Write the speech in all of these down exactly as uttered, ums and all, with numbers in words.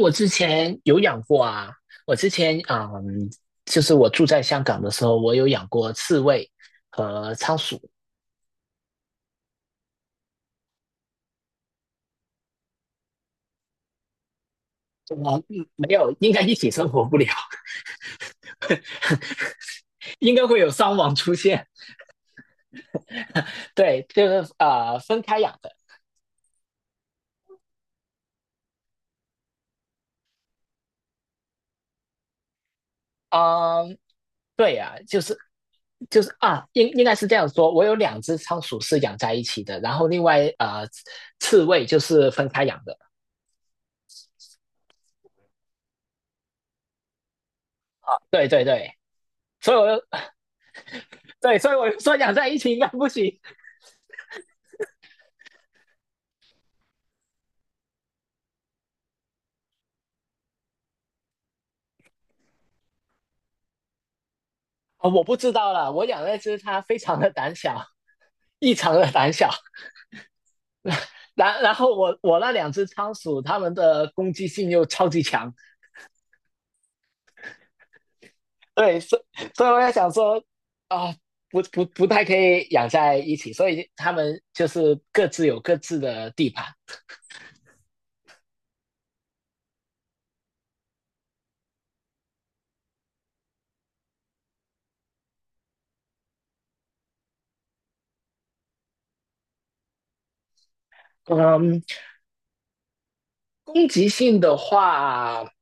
我之前有养过啊，我之前嗯，就是我住在香港的时候，我有养过刺猬和仓鼠。我没有，应该一起生活不了，应该会有伤亡出现。对，就是呃分开养的。嗯，对呀，就是就是啊，应应该是这样说。我有两只仓鼠是养在一起的，然后另外呃刺猬就是分开养的。对对对，所以我又 对，所以我又说养在一起应该不行。啊，我不知道了。我养那只它非常的胆小，异常的胆小。然然后我我那两只仓鼠，它们的攻击性又超级强。对，所以所以我在想说，啊，不不不太可以养在一起，所以它们就是各自有各自的地盘。嗯，攻击性的话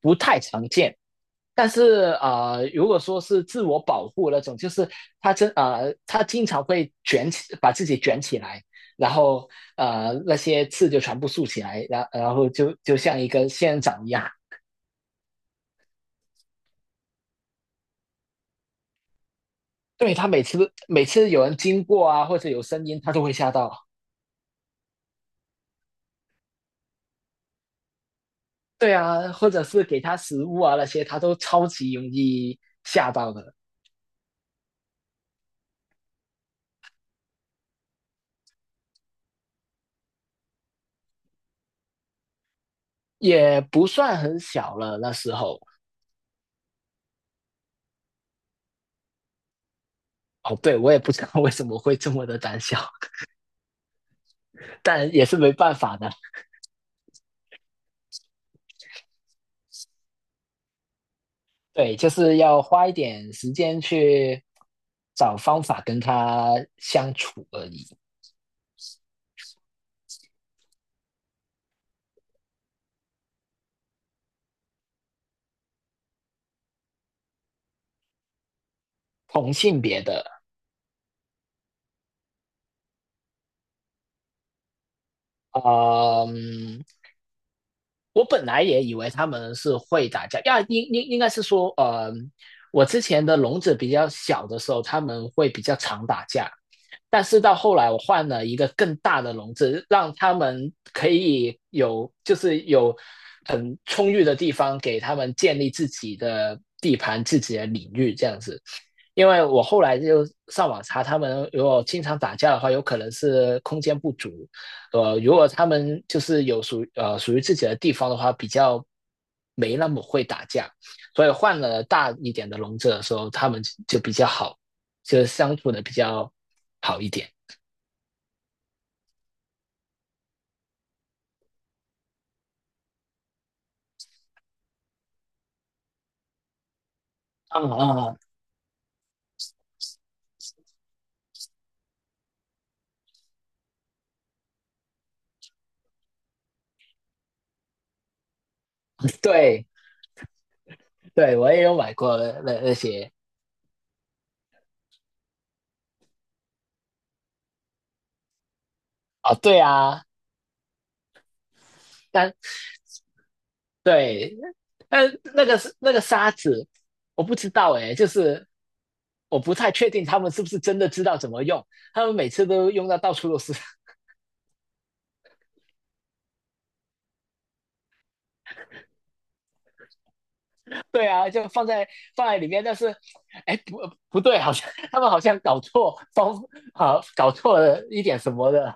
不太常见。但是啊，如果说是自我保护那种，就是他真啊，他经常会卷起，把自己卷起来，然后呃那些刺就全部竖起来，然然后就就像一个仙人掌一样。对，他每次每次有人经过啊，或者有声音，他都会吓到。对啊，或者是给他食物啊那些，他都超级容易吓到的，也不算很小了那时候。哦，对，我也不知道为什么会这么的胆小，但也是没办法的。对，就是要花一点时间去找方法跟他相处而已。嗯，我本来也以为他们是会打架，呀，应应应该是说，呃，我之前的笼子比较小的时候，他们会比较常打架，但是到后来我换了一个更大的笼子，让他们可以有就是有很充裕的地方给他们建立自己的地盘、自己的领域这样子。因为我后来就上网查，他们如果经常打架的话，有可能是空间不足，呃，如果他们就是有属呃属于自己的地方的话，比较没那么会打架，所以换了大一点的笼子的时候，他们就比较好，就是相处的比较好一点。嗯嗯，对对，我也有买过那那那些啊，对啊，但对，但那个那个沙子，我不知道哎，就是我不太确定他们是不是真的知道怎么用，他们每次都用到到处都是。对啊，就放在放在里面，但是，哎，不不对，好像他们好像搞错方，啊，搞错了一点什么的。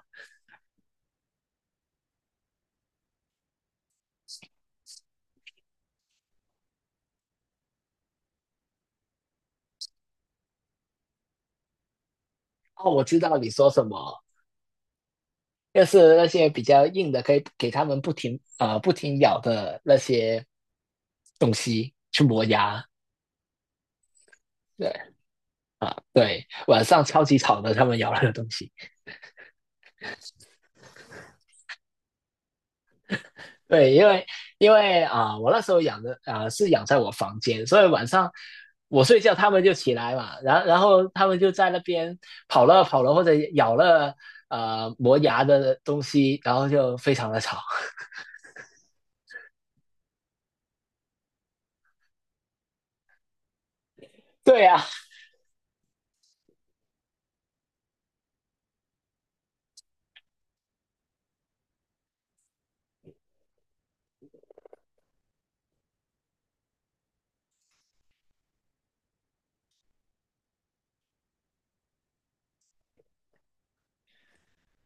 哦，我知道你说什么，就是那些比较硬的，可以给他们不停呃不停咬的那些东西去磨牙。对对，晚上超级吵的，他们咬那个东西。对，因为因为啊、我那时候养的啊、是养在我房间，所以晚上我睡觉，它们就起来嘛，然后然后它们就在那边跑了跑了或者咬了呃磨牙的东西，然后就非常的吵。对呀、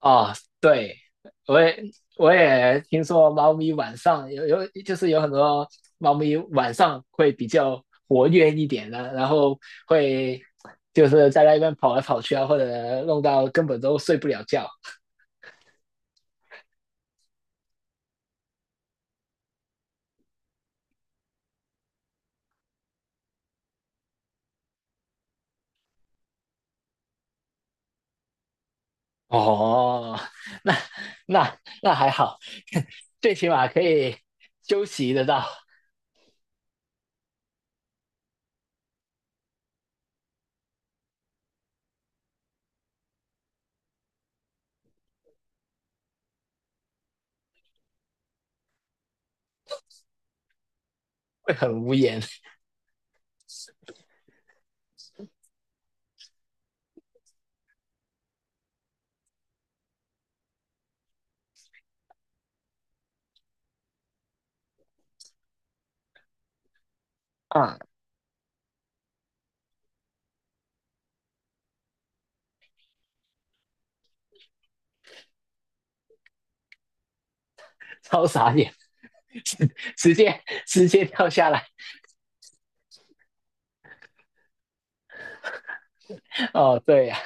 哦，对，我也我也听说猫咪晚上有有就是有很多猫咪晚上会比较活跃一点的，然后会就是在那边跑来跑去啊，或者弄到根本都睡不了觉。哦，那那那还好，最起码可以休息得到，会很无言，嗯，超傻眼，直接直接跳下来。哦，对呀、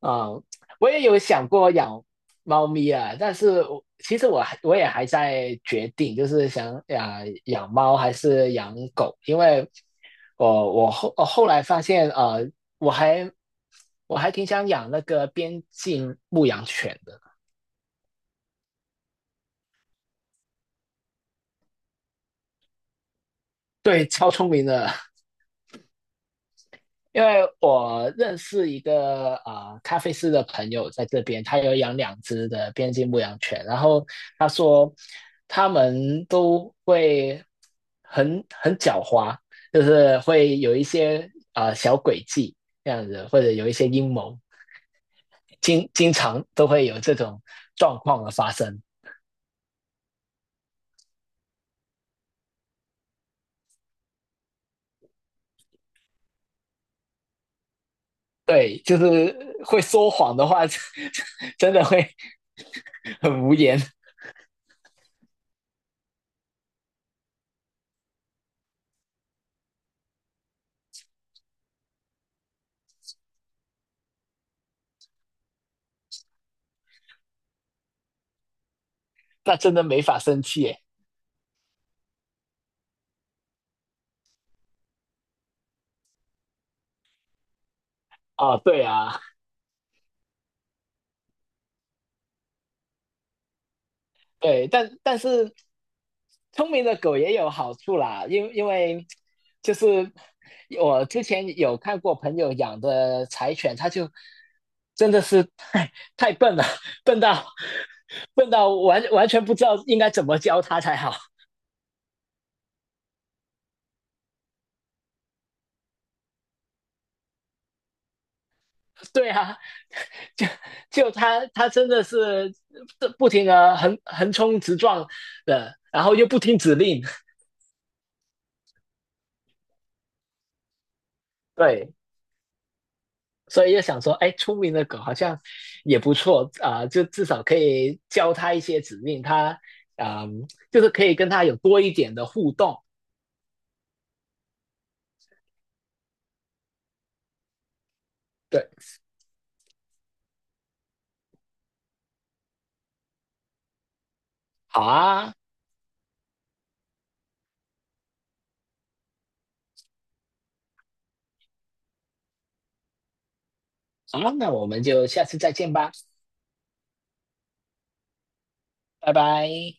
啊，嗯，我也有想过养猫咪啊，但是我其实我还我也还在决定，就是想养养猫还是养狗，因为我我后我后来发现，呃，我还我还挺想养那个边境牧羊犬的。对，超聪明的。因为我认识一个啊、呃咖啡师的朋友在这边，他有养两只的边境牧羊犬，然后他说他们都会很很狡猾，就是会有一些啊、呃小诡计这样子，或者有一些阴谋，经经常都会有这种状况的发生。对，就是会说谎的话，真的会很无言，那真的没法生气耶。啊，对啊。对，但但是聪明的狗也有好处啦，因为因为就是我之前有看过朋友养的柴犬，它就真的是太太笨了，笨到笨到完完全不知道应该怎么教它才好。对啊，就就它它真的是不停的横横冲直撞的，然后又不听指令。对，所以就想说，哎，聪明的狗好像也不错啊、呃就至少可以教它一些指令，它啊、呃就是可以跟它有多一点的互动。对，好啊，好啊，那我们就下次再见吧，拜拜。